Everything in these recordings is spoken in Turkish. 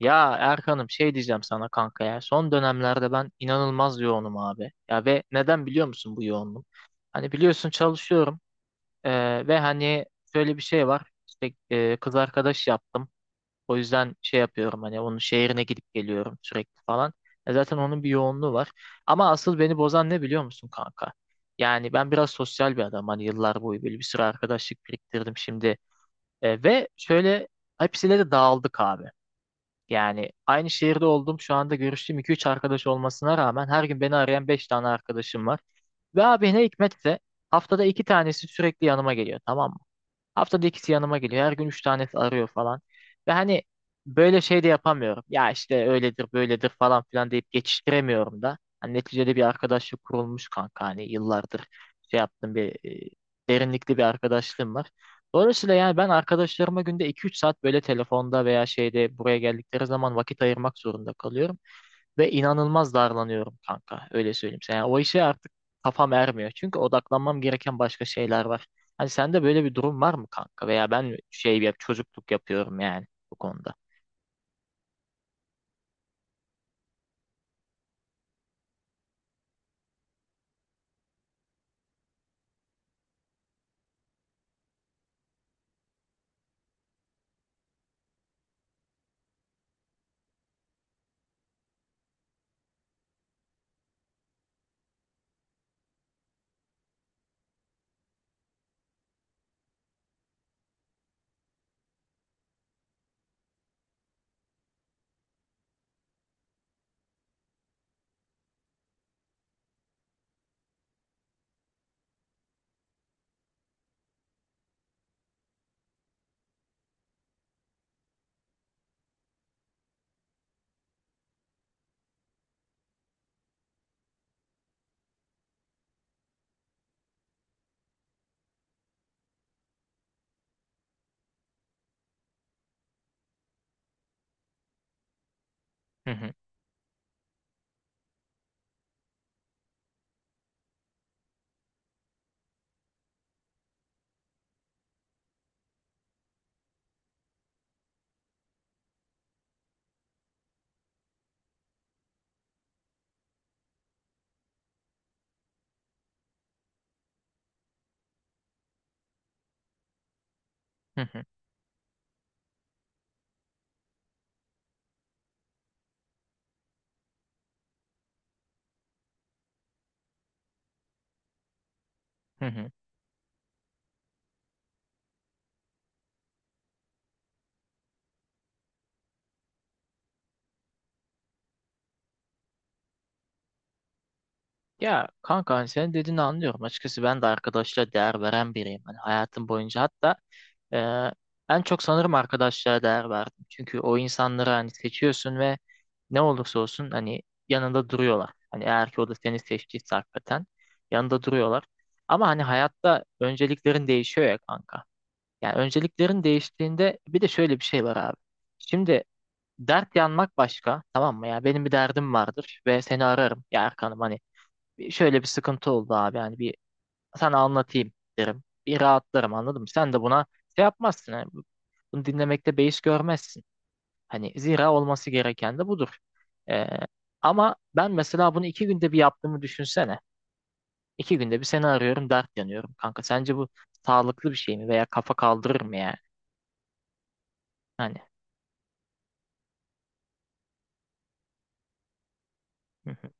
Ya Erkan'ım şey diyeceğim sana kanka ya. Son dönemlerde ben inanılmaz yoğunum abi. Ya ve neden biliyor musun bu yoğunluğum? Hani biliyorsun çalışıyorum ve hani şöyle bir şey var. İşte kız arkadaş yaptım. O yüzden şey yapıyorum hani onun şehrine gidip geliyorum sürekli falan. E zaten onun bir yoğunluğu var. Ama asıl beni bozan ne biliyor musun kanka? Yani ben biraz sosyal bir adam. Hani yıllar boyu böyle bir sürü arkadaşlık biriktirdim şimdi. Ve şöyle hepsiyle de dağıldık abi. Yani aynı şehirde olduğum şu anda görüştüğüm 2-3 arkadaş olmasına rağmen her gün beni arayan 5 tane arkadaşım var. Ve abi ne hikmetse haftada 2 tanesi sürekli yanıma geliyor, tamam mı? Haftada ikisi yanıma geliyor. Her gün üç tanesi arıyor falan. Ve hani böyle şey de yapamıyorum. Ya işte öyledir böyledir falan filan deyip geçiştiremiyorum da. Hani neticede bir arkadaşlık kurulmuş kanka. Hani yıllardır şey yaptım bir derinlikli bir arkadaşlığım var. Dolayısıyla yani ben arkadaşlarıma günde 2-3 saat böyle telefonda veya şeyde buraya geldikleri zaman vakit ayırmak zorunda kalıyorum. Ve inanılmaz darlanıyorum kanka. Öyle söyleyeyim sana. Yani o işe artık kafam ermiyor. Çünkü odaklanmam gereken başka şeyler var. Hani sende böyle bir durum var mı kanka? Veya ben mi şey yap çocukluk yapıyorum yani bu konuda. Hı hı, hı hı, hı hı. Ya kanka hani senin dediğini anlıyorum. Açıkçası ben de arkadaşlara değer veren biriyim. Hani hayatım boyunca hatta en çok sanırım arkadaşlara değer verdim. Çünkü o insanları hani seçiyorsun ve ne olursa olsun hani yanında duruyorlar. Hani eğer ki o da seni seçtiyse hakikaten yanında duruyorlar. Ama hani hayatta önceliklerin değişiyor ya kanka. Yani önceliklerin değiştiğinde bir de şöyle bir şey var abi. Şimdi dert yanmak başka, tamam mı? Ya benim bir derdim vardır ve seni ararım ya Erkan'ım hani şöyle bir sıkıntı oldu abi yani bir sana anlatayım derim. Bir rahatlarım anladın mı? Sen de buna şey yapmazsın. Yani bunu dinlemekte beis görmezsin. Hani zira olması gereken de budur. Ee, Ama ben mesela bunu 2 günde bir yaptığımı düşünsene. 2 günde bir seni arıyorum, dert yanıyorum kanka. Sence bu sağlıklı bir şey mi veya kafa kaldırır mı yani? Hani. Hı hı,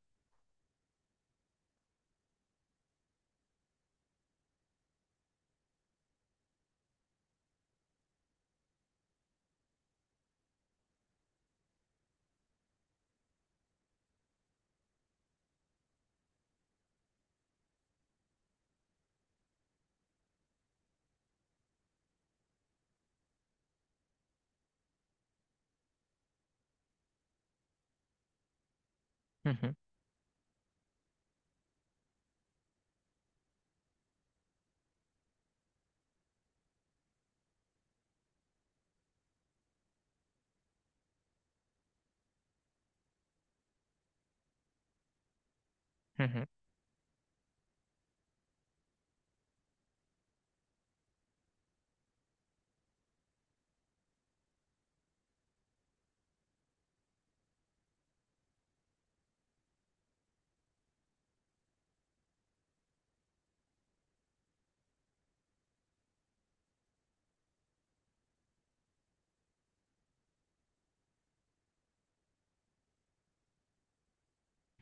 hı hı, hı hı,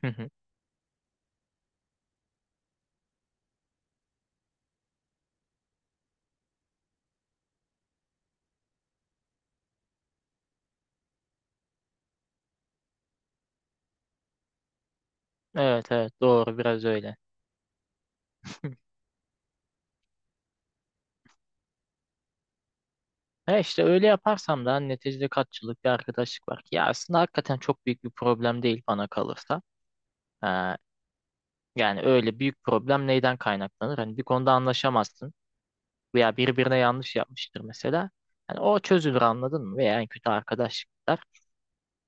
hı hı. Evet evet, doğru biraz öyle. E işte öyle yaparsam da hani, neticede katçılık bir arkadaşlık var. Ya aslında hakikaten çok büyük bir problem değil bana kalırsa. Ee, Yani öyle büyük problem neyden kaynaklanır? Hani bir konuda anlaşamazsın veya birbirine yanlış yapmıştır mesela. Hani o çözülür anladın mı? Veya en kötü arkadaşlıklar.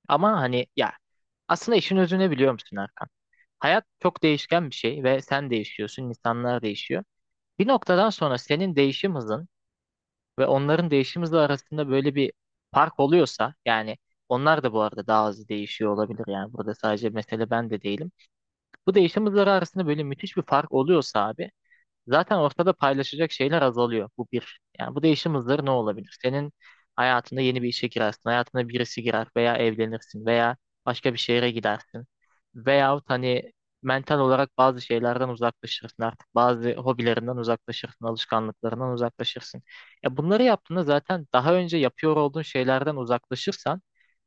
Ama hani ya aslında işin özünü biliyor musun Erkan? Hayat çok değişken bir şey ve sen değişiyorsun, insanlar değişiyor. Bir noktadan sonra senin değişim hızın ve onların değişim hızı arasında böyle bir fark oluyorsa yani onlar da bu arada daha hızlı değişiyor olabilir, yani burada sadece mesele ben de değilim. Bu değişim hızları arasında böyle müthiş bir fark oluyorsa abi, zaten ortada paylaşacak şeyler azalıyor. Bu bir. Yani bu değişim hızları ne olabilir? Senin hayatında yeni bir işe girersin. Hayatına birisi girer veya evlenirsin veya başka bir şehre gidersin. Veyahut hani mental olarak bazı şeylerden uzaklaşırsın artık. Bazı hobilerinden uzaklaşırsın, alışkanlıklarından uzaklaşırsın. Ya bunları yaptığında zaten daha önce yapıyor olduğun şeylerden uzaklaşırsan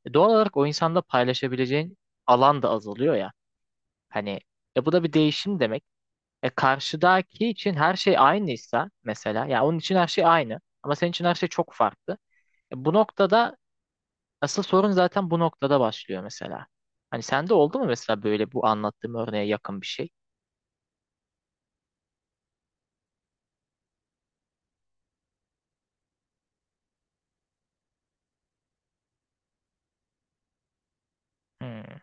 doğal olarak o insanda paylaşabileceğin alan da azalıyor ya. Hani bu da bir değişim demek. E karşıdaki için her şey aynıysa mesela, ya onun için her şey aynı ama senin için her şey çok farklı. Bu noktada asıl sorun zaten bu noktada başlıyor mesela. Hani sende oldu mu mesela böyle bu anlattığım örneğe yakın bir şey? Hmm,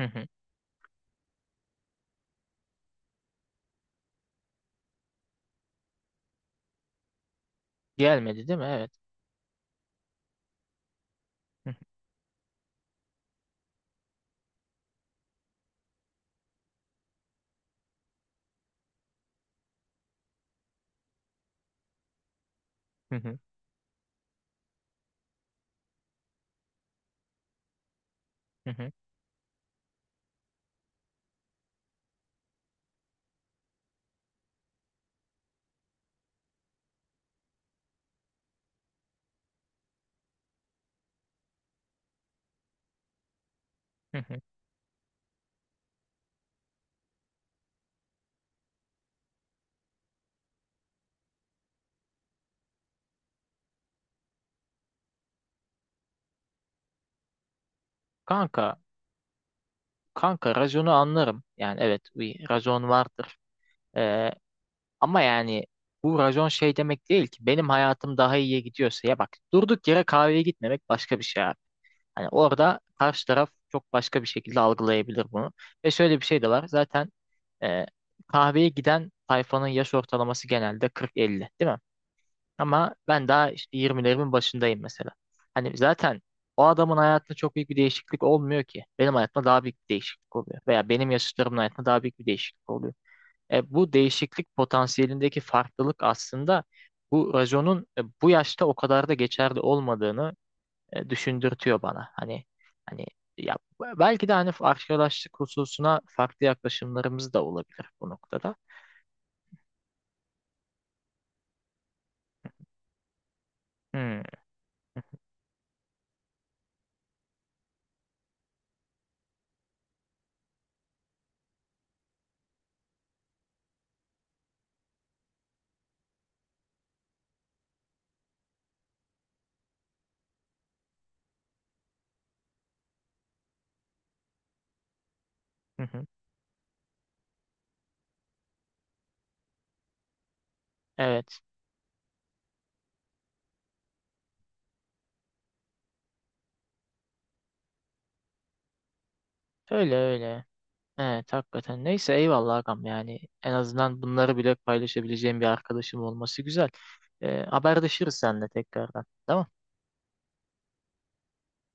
hı hı. Gelmedi değil mi? Evet. Hı hı, hı hı, hı hı, hı. Kanka, kanka raconu anlarım. Yani evet bir racon vardır. E, Ama yani bu racon şey demek değil ki, benim hayatım daha iyiye gidiyorsa ya bak, durduk yere kahveye gitmemek başka bir şey abi. Hani orada karşı taraf çok başka bir şekilde algılayabilir bunu. Ve şöyle bir şey de var. Zaten e, kahveye giden tayfanın yaş ortalaması genelde 40-50, değil mi? Ama ben daha işte 20'lerimin başındayım mesela. Hani zaten o adamın hayatında çok büyük bir değişiklik olmuyor ki. Benim hayatımda daha büyük bir değişiklik oluyor. Veya benim yaşıtlarımın hayatında daha büyük bir değişiklik oluyor. Bu değişiklik potansiyelindeki farklılık aslında bu raconun bu yaşta o kadar da geçerli olmadığını düşündürtüyor bana. Hani ya belki de hani arkadaşlık hususuna farklı yaklaşımlarımız da olabilir bu noktada. Hmm, hı hı. Evet. Öyle öyle. Evet hakikaten. Neyse eyvallah agam, yani en azından bunları bile paylaşabileceğim bir arkadaşım olması güzel. Haberleşiriz seninle tekrardan. Tamam.